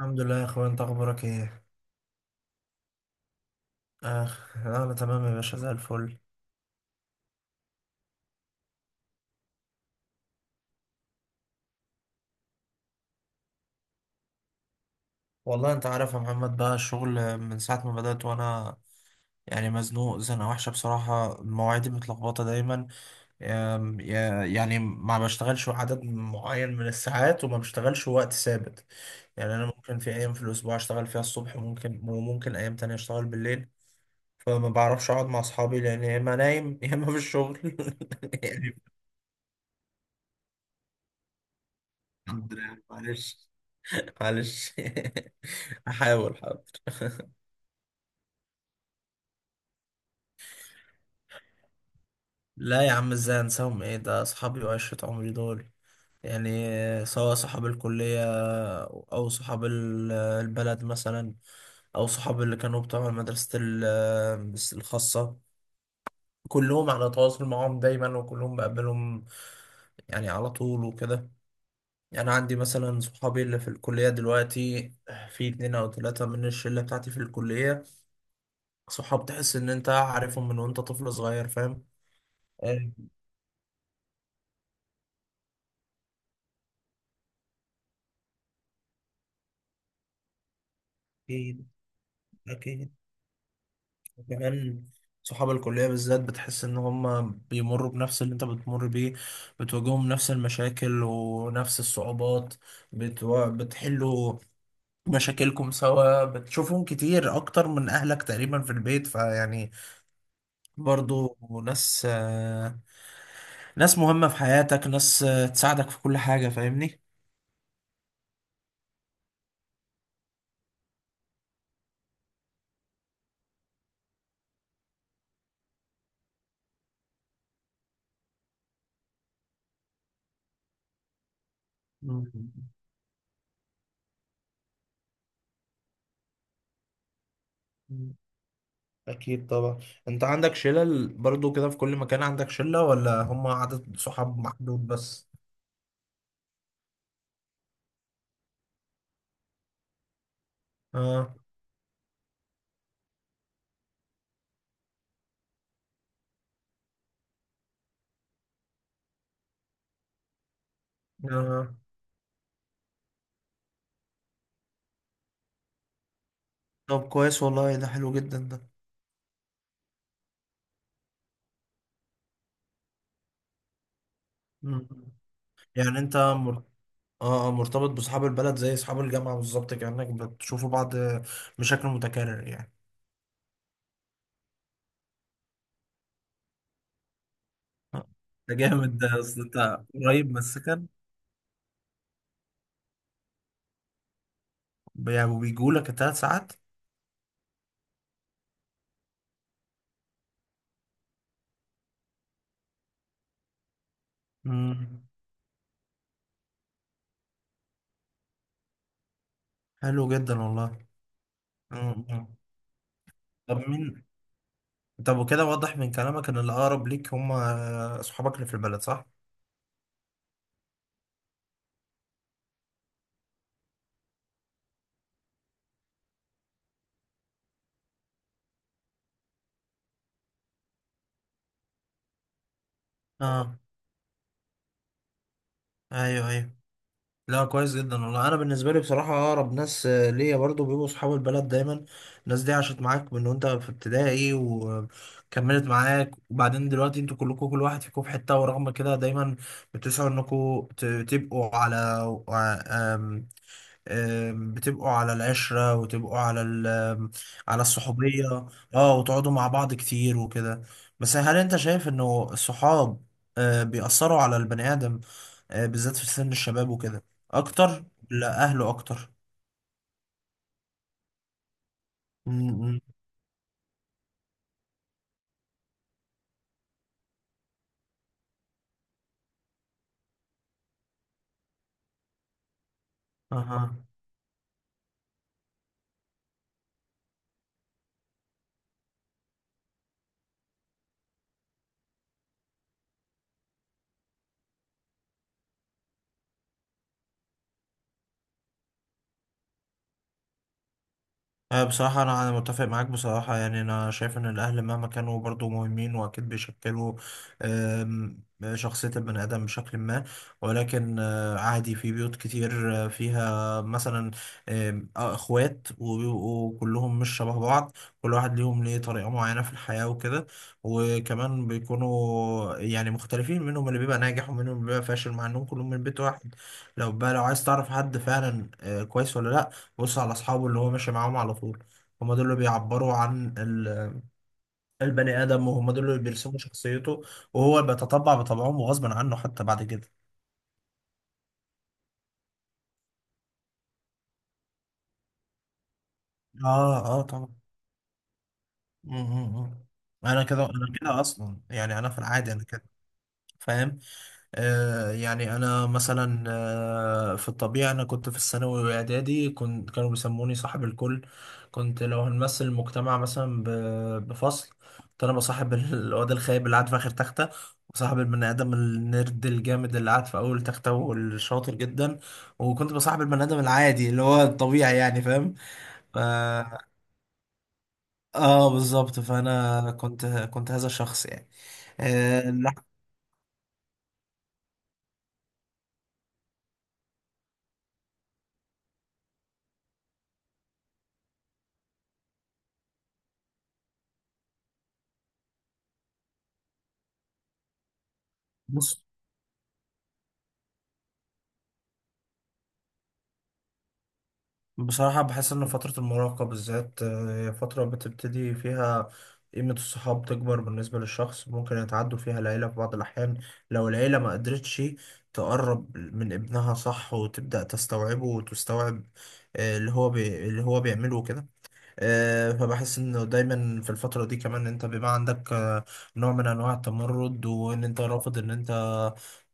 الحمد لله يا اخوان، انت اخبارك ايه؟ اخ، انا تمام يا باشا زي الفل. والله انت عارف يا محمد، بقى الشغل من ساعه ما بدأت، وانا يعني مزنوق زنقه وحشه بصراحه، مواعيدي متلخبطه دايما. يعني ما بشتغلش عدد معين من الساعات وما بشتغلش وقت ثابت. يعني انا ممكن في ايام في الاسبوع اشتغل فيها الصبح، وممكن ايام تانية اشتغل بالليل. فما بعرفش اقعد مع اصحابي لان يا اما نايم يا اما في الشغل يعني الحمد لله، معلش معلش هحاول، حاضر. لا يا عم، ازاي انساهم؟ ايه ده، اصحابي وعشرة عمري دول. يعني سواء صحاب الكلية او صحاب البلد مثلا، او صحاب اللي كانوا بتوع مدرسة الخاصة. كلهم على تواصل معاهم دايما وكلهم بقابلهم يعني على طول وكده. يعني عندي مثلا صحابي اللي في الكلية دلوقتي، في اتنين او تلاتة من الشلة بتاعتي في الكلية، صحاب تحس ان انت عارفهم من وانت طفل صغير، فاهم؟ أكيد أكيد. وكمان صحاب الكلية بالذات بتحس إن هم بيمروا بنفس اللي أنت بتمر بيه، بتواجههم نفس المشاكل ونفس الصعوبات. بتحلوا مشاكلكم سوا، بتشوفهم كتير أكتر من أهلك تقريبا في البيت، فيعني برضو ناس، ناس مهمة في حياتك، ناس تساعدك في كل حاجة، فاهمني؟ مم. أكيد طبعا. أنت عندك شلة برضو كده في كل مكان، عندك شلة ولا هم عدد صحاب محدود بس؟ اه اه. طب كويس والله، ده حلو جدا ده. مم. يعني انت مر... اه مرتبط بصحاب البلد زي اصحاب الجامعة بالظبط، كأنك بتشوفوا بعض بشكل متكرر يعني. آه. ده جامد ده، اصل انت قريب من السكن. يعني وبيجوا لك الثلاث ساعات. مم. حلو جدا والله. مم. مم. طب مين طب وكده واضح من كلامك ان الاقرب ليك هم اصحابك اللي في البلد، صح؟ اه ايوه ايوه. لا كويس جدا والله، انا بالنسبه لي بصراحه اقرب ناس ليا برضو بيبقوا صحاب البلد دايما. الناس دي عاشت معاك من وانت في ابتدائي وكملت معاك، وبعدين دلوقتي انتوا كلكم كل واحد فيكم في حته، ورغم كده دايما بتسعوا انكم تبقوا على آه، آم، آم، بتبقوا على العشره وتبقوا على ال- آم، على الصحوبيه، اه، وتقعدوا مع بعض كتير وكده. بس هل انت شايف انه الصحاب بيأثروا على البني آدم بالذات في سن الشباب وكده اكتر لا اهله اكتر؟ م- م. اها. أه بصراحة، أنا متفق معاك بصراحة. يعني أنا شايف إن الأهل مهما كانوا برضو مهمين، وأكيد بيشكلوا آم، شخصية البني آدم بشكل ما. ولكن عادي في بيوت كتير فيها مثلا آم، آه، إخوات وبيبقوا كلهم مش شبه بعض، كل واحد ليهم ليه طريقة معينة في الحياة وكده. وكمان بيكونوا يعني مختلفين، منهم اللي بيبقى ناجح ومنهم اللي بيبقى فاشل، مع إنهم كلهم من بيت واحد. لو بقى لو عايز تعرف حد فعلا كويس ولا لأ، بص على اصحابه اللي هو ماشي معاهم على طول. هم دول اللي بيعبروا عن البني ادم، وهم دول اللي بيرسموا شخصيته، وهو بيتطبع بطبعهم وغصبا عنه حتى بعد كده. اه اه طبعا. م- م- م. انا كده انا كده اصلا، يعني انا في العادي انا كده، فاهم؟ يعني أنا مثلا في الطبيعة أنا كنت في الثانوي وإعدادي، كانوا بيسموني صاحب الكل. كنت لو هنمثل المجتمع مثلا بفصل، كنت أنا بصاحب الواد الخايب اللي قاعد في آخر تختة، وصاحب البني آدم النرد الجامد اللي قاعد في أول تختة والشاطر جدا، وكنت بصاحب البني آدم العادي اللي هو الطبيعي، يعني فاهم. ف... آه بالظبط، فأنا كنت هذا الشخص يعني. آه، لا، بص بصراحة، بحس إن فترة المراهقة بالذات هي فترة بتبتدي فيها قيمة الصحاب تكبر بالنسبة للشخص، ممكن يتعدوا فيها العيلة في بعض الأحيان. لو العيلة ما قدرتش تقرب من ابنها صح، وتبدأ تستوعبه وتستوعب اللي هو اللي هو بيعمله كده. فبحس انه دايما في الفترة دي كمان انت بيبقى عندك نوع من انواع التمرد، وان انت رافض ان انت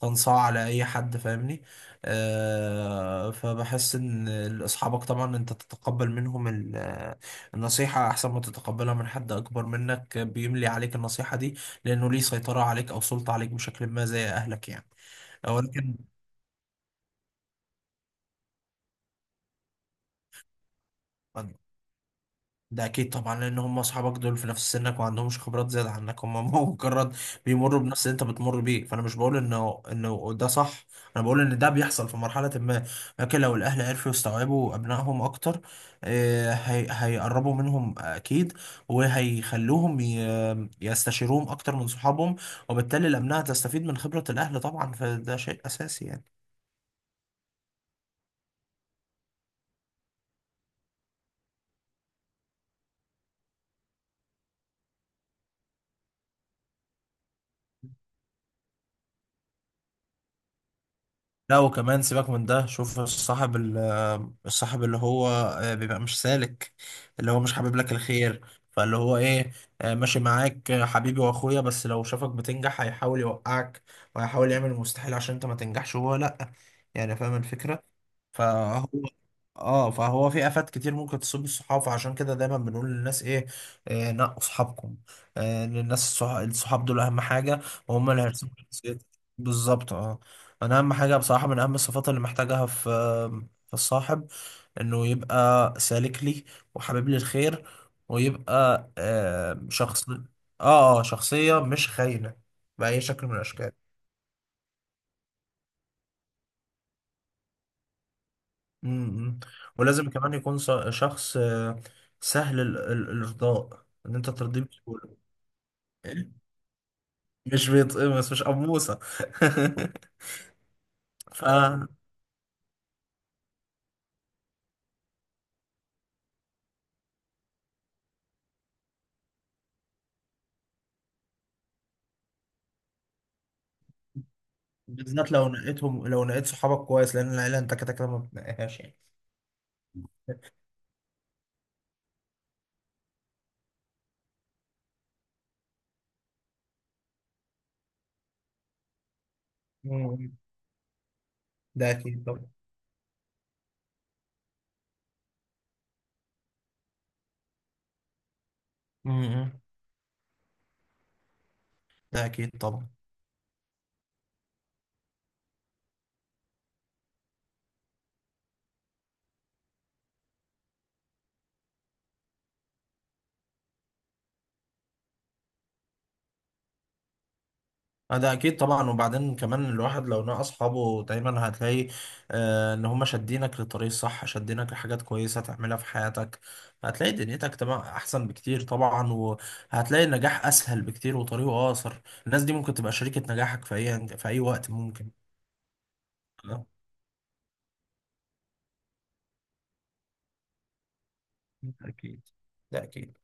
تنصاع على اي حد، فاهمني؟ فبحس ان اصحابك طبعا انت تتقبل منهم النصيحة احسن ما تتقبلها من حد اكبر منك بيملي عليك النصيحة دي، لانه ليه سيطرة عليك او سلطة عليك بشكل ما زي اهلك يعني. ولكن ده اكيد طبعا، لان هم اصحابك دول في نفس سنك وما عندهمش خبرات زياده عنك، هم مجرد بيمروا بنفس اللي انت بتمر بيه. فانا مش بقول انه ده صح، انا بقول ان ده بيحصل في مرحله ما. لكن لو الاهل عرفوا يستوعبوا ابنائهم اكتر هي هيقربوا منهم اكيد، وهيخلوهم يستشيروهم اكتر من صحابهم، وبالتالي الابناء تستفيد من خبره الاهل طبعا، فده شيء اساسي يعني. لا وكمان سيبك من ده، شوف الصاحب الصاحب اللي هو بيبقى مش سالك، اللي هو مش حابب لك الخير، فاللي هو ايه، ماشي معاك حبيبي واخويا، بس لو شافك بتنجح هيحاول يوقعك، وهيحاول يعمل المستحيل عشان انت ما تنجحش، وهو لا، يعني فاهم الفكرة. فهو اه فهو في افات كتير ممكن تصيب الصحاب، فعشان كده دايما بنقول للناس ايه, نقوا صحابكم، للناس الصحاب دول اهم حاجه، وهم اللي هيرسموا شخصيتك، بالظبط اه. انا اهم حاجه بصراحه، من اهم الصفات اللي محتاجها في الصاحب انه يبقى سالك لي، وحبيب لي الخير، ويبقى آه شخص اه، اه شخصيه مش خاينه باي شكل من الاشكال. مم. ولازم كمان يكون شخص سهل الارضاء، ان انت ترضيه بسهوله، مش بيتقمص مش قموصه ف بالذات لو نقيتهم، لو نقيت صحابك كويس، لان العيله انت كده كده ما بتنقيهاش يعني. مم. ده اكيد طبعا. مم. ده اكيد طبعا. اه ده اكيد طبعا. وبعدين كمان الواحد لو نقى اصحابه دايما هتلاقي آه ان هم شادينك للطريق الصح، شادينك لحاجات كويسه تعملها في حياتك، هتلاقي دنيتك تبقى احسن بكتير طبعا، وهتلاقي النجاح اسهل بكتير وطريقه اقصر. الناس دي ممكن تبقى شريكه نجاحك في اي وقت ممكن. اه أكيد، ده اكيد.